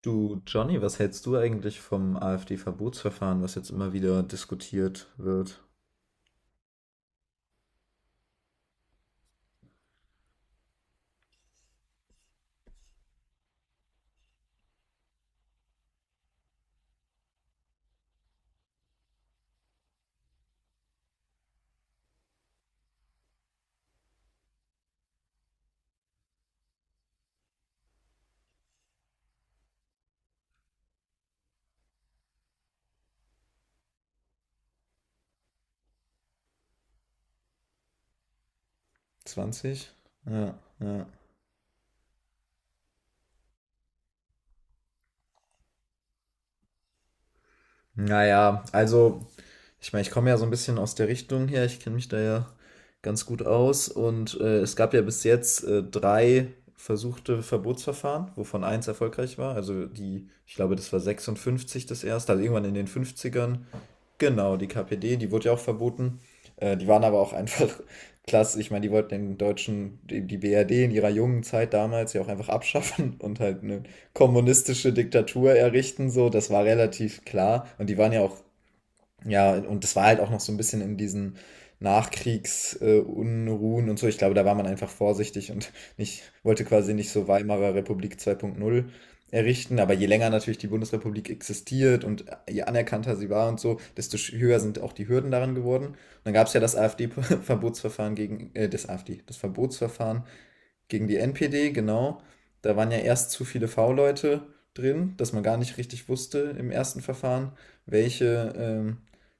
Du, Johnny, was hältst du eigentlich vom AfD-Verbotsverfahren, was jetzt immer wieder diskutiert wird? 20. Ja, ja. Naja, also, ich meine, ich komme ja so ein bisschen aus der Richtung her, ich kenne mich da ja ganz gut aus und es gab ja bis jetzt drei versuchte Verbotsverfahren, wovon eins erfolgreich war. Also die, ich glaube, das war 56 das erste, also irgendwann in den 50ern. Genau, die KPD, die wurde ja auch verboten. Die waren aber auch einfach klasse. Ich meine, die wollten den Deutschen, die BRD in ihrer jungen Zeit damals ja auch einfach abschaffen und halt eine kommunistische Diktatur errichten, so, das war relativ klar. Und die waren ja auch, ja, und das war halt auch noch so ein bisschen in diesen Nachkriegsunruhen und so. Ich glaube, da war man einfach vorsichtig und nicht, wollte quasi nicht so Weimarer Republik 2.0 errichten. Aber je länger natürlich die Bundesrepublik existiert und je anerkannter sie war und so, desto höher sind auch die Hürden daran geworden. Und dann gab es ja das AfD-Verbotsverfahren gegen, das Verbotsverfahren gegen die NPD, genau. Da waren ja erst zu viele V-Leute drin, dass man gar nicht richtig wusste im ersten Verfahren, welche, ähm,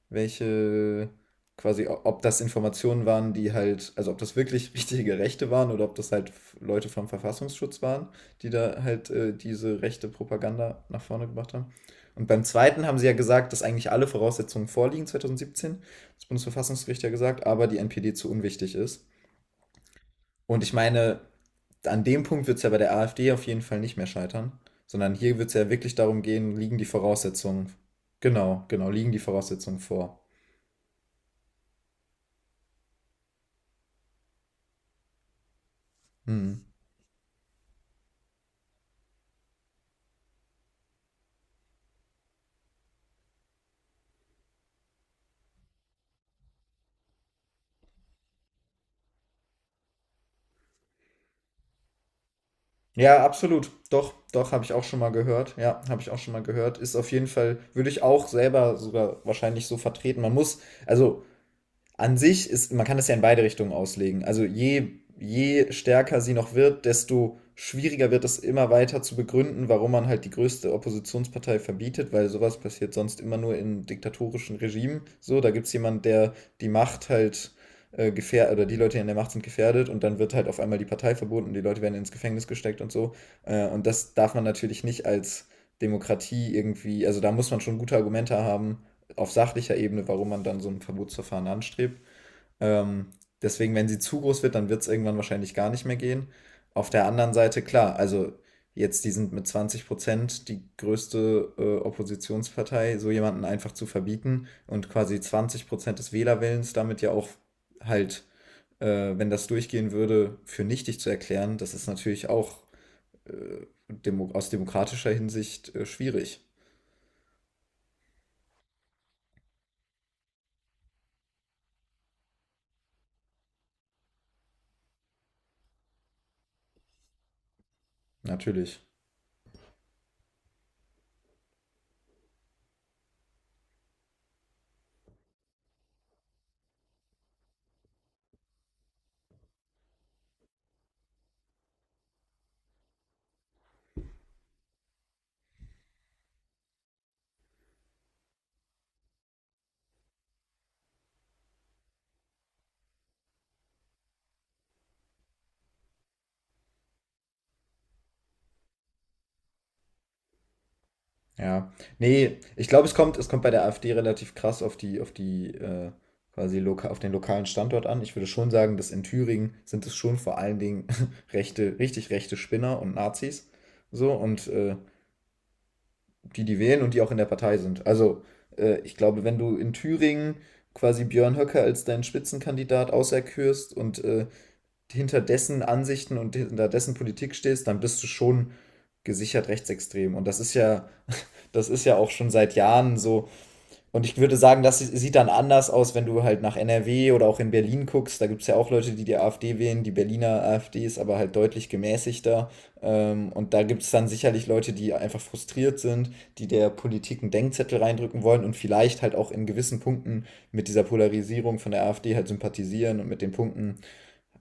welche quasi, ob das Informationen waren, die halt, also ob das wirklich richtige Rechte waren oder ob das halt Leute vom Verfassungsschutz waren, die da halt diese rechte Propaganda nach vorne gebracht haben. Und beim zweiten haben sie ja gesagt, dass eigentlich alle Voraussetzungen vorliegen, 2017, das Bundesverfassungsgericht ja gesagt, aber die NPD zu unwichtig ist. Und ich meine, an dem Punkt wird es ja bei der AfD auf jeden Fall nicht mehr scheitern, sondern hier wird es ja wirklich darum gehen, liegen die Voraussetzungen, genau, genau, liegen die Voraussetzungen vor. Hm. Ja, absolut. Doch, doch, habe ich auch schon mal gehört. Ja, habe ich auch schon mal gehört. Ist auf jeden Fall, würde ich auch selber sogar wahrscheinlich so vertreten. Man muss, also an sich ist, man kann das ja in beide Richtungen auslegen. Also je stärker sie noch wird, desto schwieriger wird es immer weiter zu begründen, warum man halt die größte Oppositionspartei verbietet, weil sowas passiert sonst immer nur in diktatorischen Regimen. So, da gibt es jemanden, der die Macht halt gefährdet, oder die Leute, die an der Macht sind, gefährdet und dann wird halt auf einmal die Partei verboten, die Leute werden ins Gefängnis gesteckt und so. Und das darf man natürlich nicht als Demokratie irgendwie, also da muss man schon gute Argumente haben, auf sachlicher Ebene, warum man dann so ein Verbotsverfahren anstrebt. Ähm, Deswegen, wenn sie zu groß wird, dann wird es irgendwann wahrscheinlich gar nicht mehr gehen. Auf der anderen Seite, klar, also jetzt, die sind mit 20% die größte Oppositionspartei, so jemanden einfach zu verbieten und quasi 20% des Wählerwillens damit ja auch halt, äh, wenn das durchgehen würde, für nichtig zu erklären, das ist natürlich auch demo aus demokratischer Hinsicht schwierig. Natürlich. Ja. Nee, ich glaube, es kommt bei der AfD relativ krass auf den lokalen Standort an. Ich würde schon sagen, dass in Thüringen sind es schon vor allen Dingen rechte, richtig rechte Spinner und Nazis. So, und die, die wählen und die auch in der Partei sind. Also, ich glaube, wenn du in Thüringen quasi Björn Höcke als deinen Spitzenkandidat auserkürst und hinter dessen Ansichten und hinter dessen Politik stehst, dann bist du schon gesichert rechtsextrem. Und das ist ja auch schon seit Jahren so und ich würde sagen, das sieht dann anders aus, wenn du halt nach NRW oder auch in Berlin guckst. Da gibt es ja auch Leute, die die AfD wählen. Die Berliner AfD ist aber halt deutlich gemäßigter. Und da gibt es dann sicherlich Leute, die einfach frustriert sind, die der Politik einen Denkzettel reindrücken wollen und vielleicht halt auch in gewissen Punkten mit dieser Polarisierung von der AfD halt sympathisieren und mit den Punkten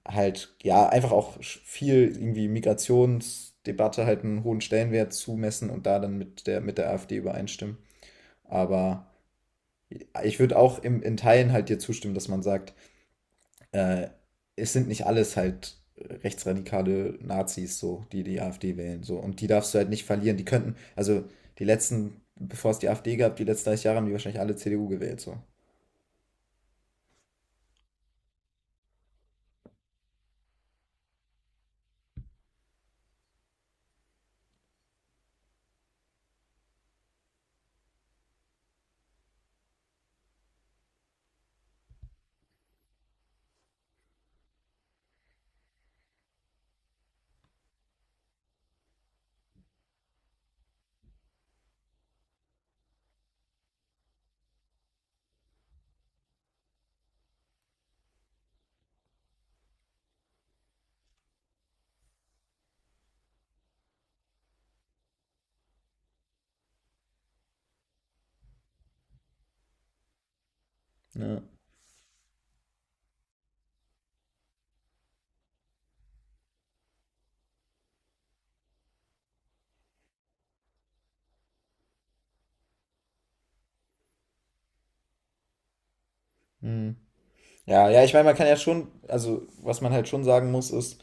halt, ja, einfach auch viel irgendwie Migrationsdebatte halt einen hohen Stellenwert zumessen und da dann mit der AfD übereinstimmen. Aber ich würde auch in Teilen halt dir zustimmen, dass man sagt, äh, es sind nicht alles halt rechtsradikale Nazis, so, die die AfD wählen, so. Und die darfst du halt nicht verlieren. Die könnten, also die letzten, bevor es die AfD gab, die letzten 30 Jahre haben die wahrscheinlich alle CDU gewählt, so. Ja. Hm. Ja, ja, ich meine, man kann ja schon, also was man halt schon sagen muss, ist,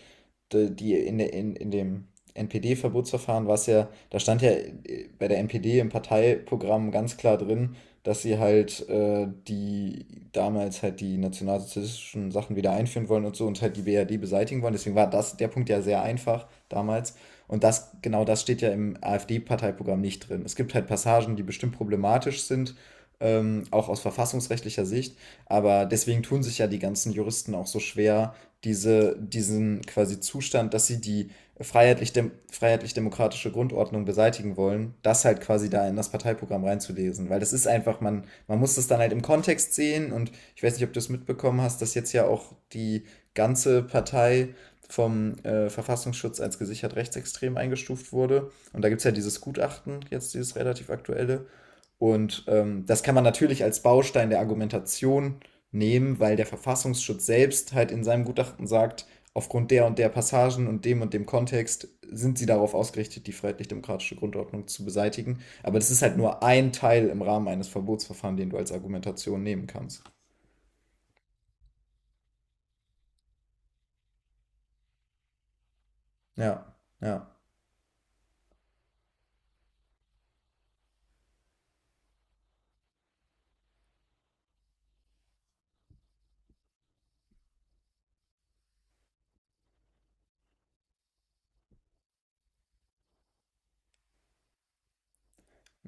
die, die in, der- in dem NPD-Verbotsverfahren war es ja, da stand ja bei der NPD im Parteiprogramm ganz klar drin, dass sie halt die damals halt die nationalsozialistischen Sachen wieder einführen wollen und so und halt die BRD beseitigen wollen. Deswegen war das der Punkt ja sehr einfach damals. Und das, genau das steht ja im AfD-Parteiprogramm nicht drin. Es gibt halt Passagen, die bestimmt problematisch sind, auch aus verfassungsrechtlicher Sicht. Aber deswegen tun sich ja die ganzen Juristen auch so schwer, diesen quasi Zustand, dass sie die freiheitlich-demokratische Grundordnung beseitigen wollen, das halt quasi da in das Parteiprogramm reinzulesen. Weil das ist einfach, man muss das dann halt im Kontext sehen und ich weiß nicht, ob du es mitbekommen hast, dass jetzt ja auch die ganze Partei vom Verfassungsschutz als gesichert rechtsextrem eingestuft wurde. Und da gibt es ja dieses Gutachten, jetzt dieses relativ aktuelle, und das kann man natürlich als Baustein der Argumentation nehmen, weil der Verfassungsschutz selbst halt in seinem Gutachten sagt, aufgrund der und der Passagen und dem Kontext sind sie darauf ausgerichtet, die freiheitlich-demokratische Grundordnung zu beseitigen. Aber das ist halt nur ein Teil im Rahmen eines Verbotsverfahrens, den du als Argumentation nehmen kannst. Ja, ja.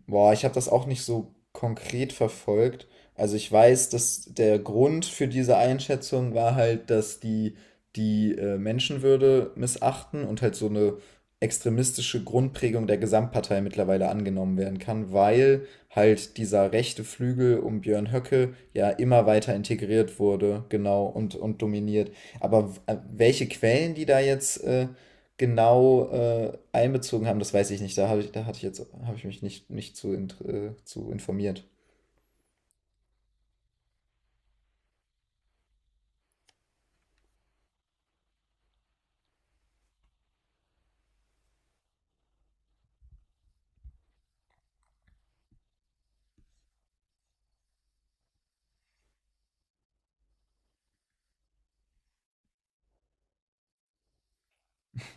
Boah, ich habe das auch nicht so konkret verfolgt. Also ich weiß, dass der Grund für diese Einschätzung war halt, dass die die Menschenwürde missachten und halt so eine extremistische Grundprägung der Gesamtpartei mittlerweile angenommen werden kann, weil halt dieser rechte Flügel um Björn Höcke ja immer weiter integriert wurde, genau, und dominiert. Aber welche Quellen die da jetzt genau einbezogen haben, das weiß ich nicht. Da habe ich, da hatte ich jetzt, habe ich mich nicht, nicht zu, zu informiert.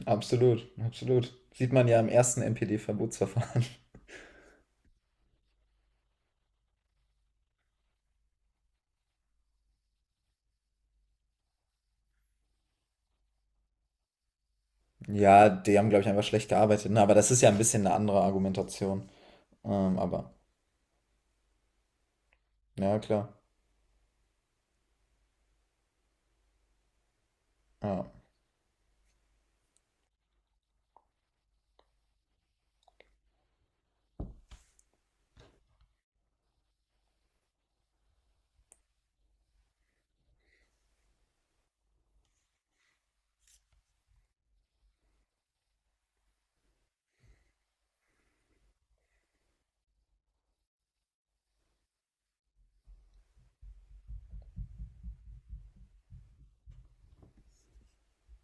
Absolut, absolut. Sieht man ja im ersten NPD-Verbotsverfahren. Ja, die haben, glaube ich, einfach schlecht gearbeitet. Na, aber das ist ja ein bisschen eine andere Argumentation. Aber, ja, klar. Ja.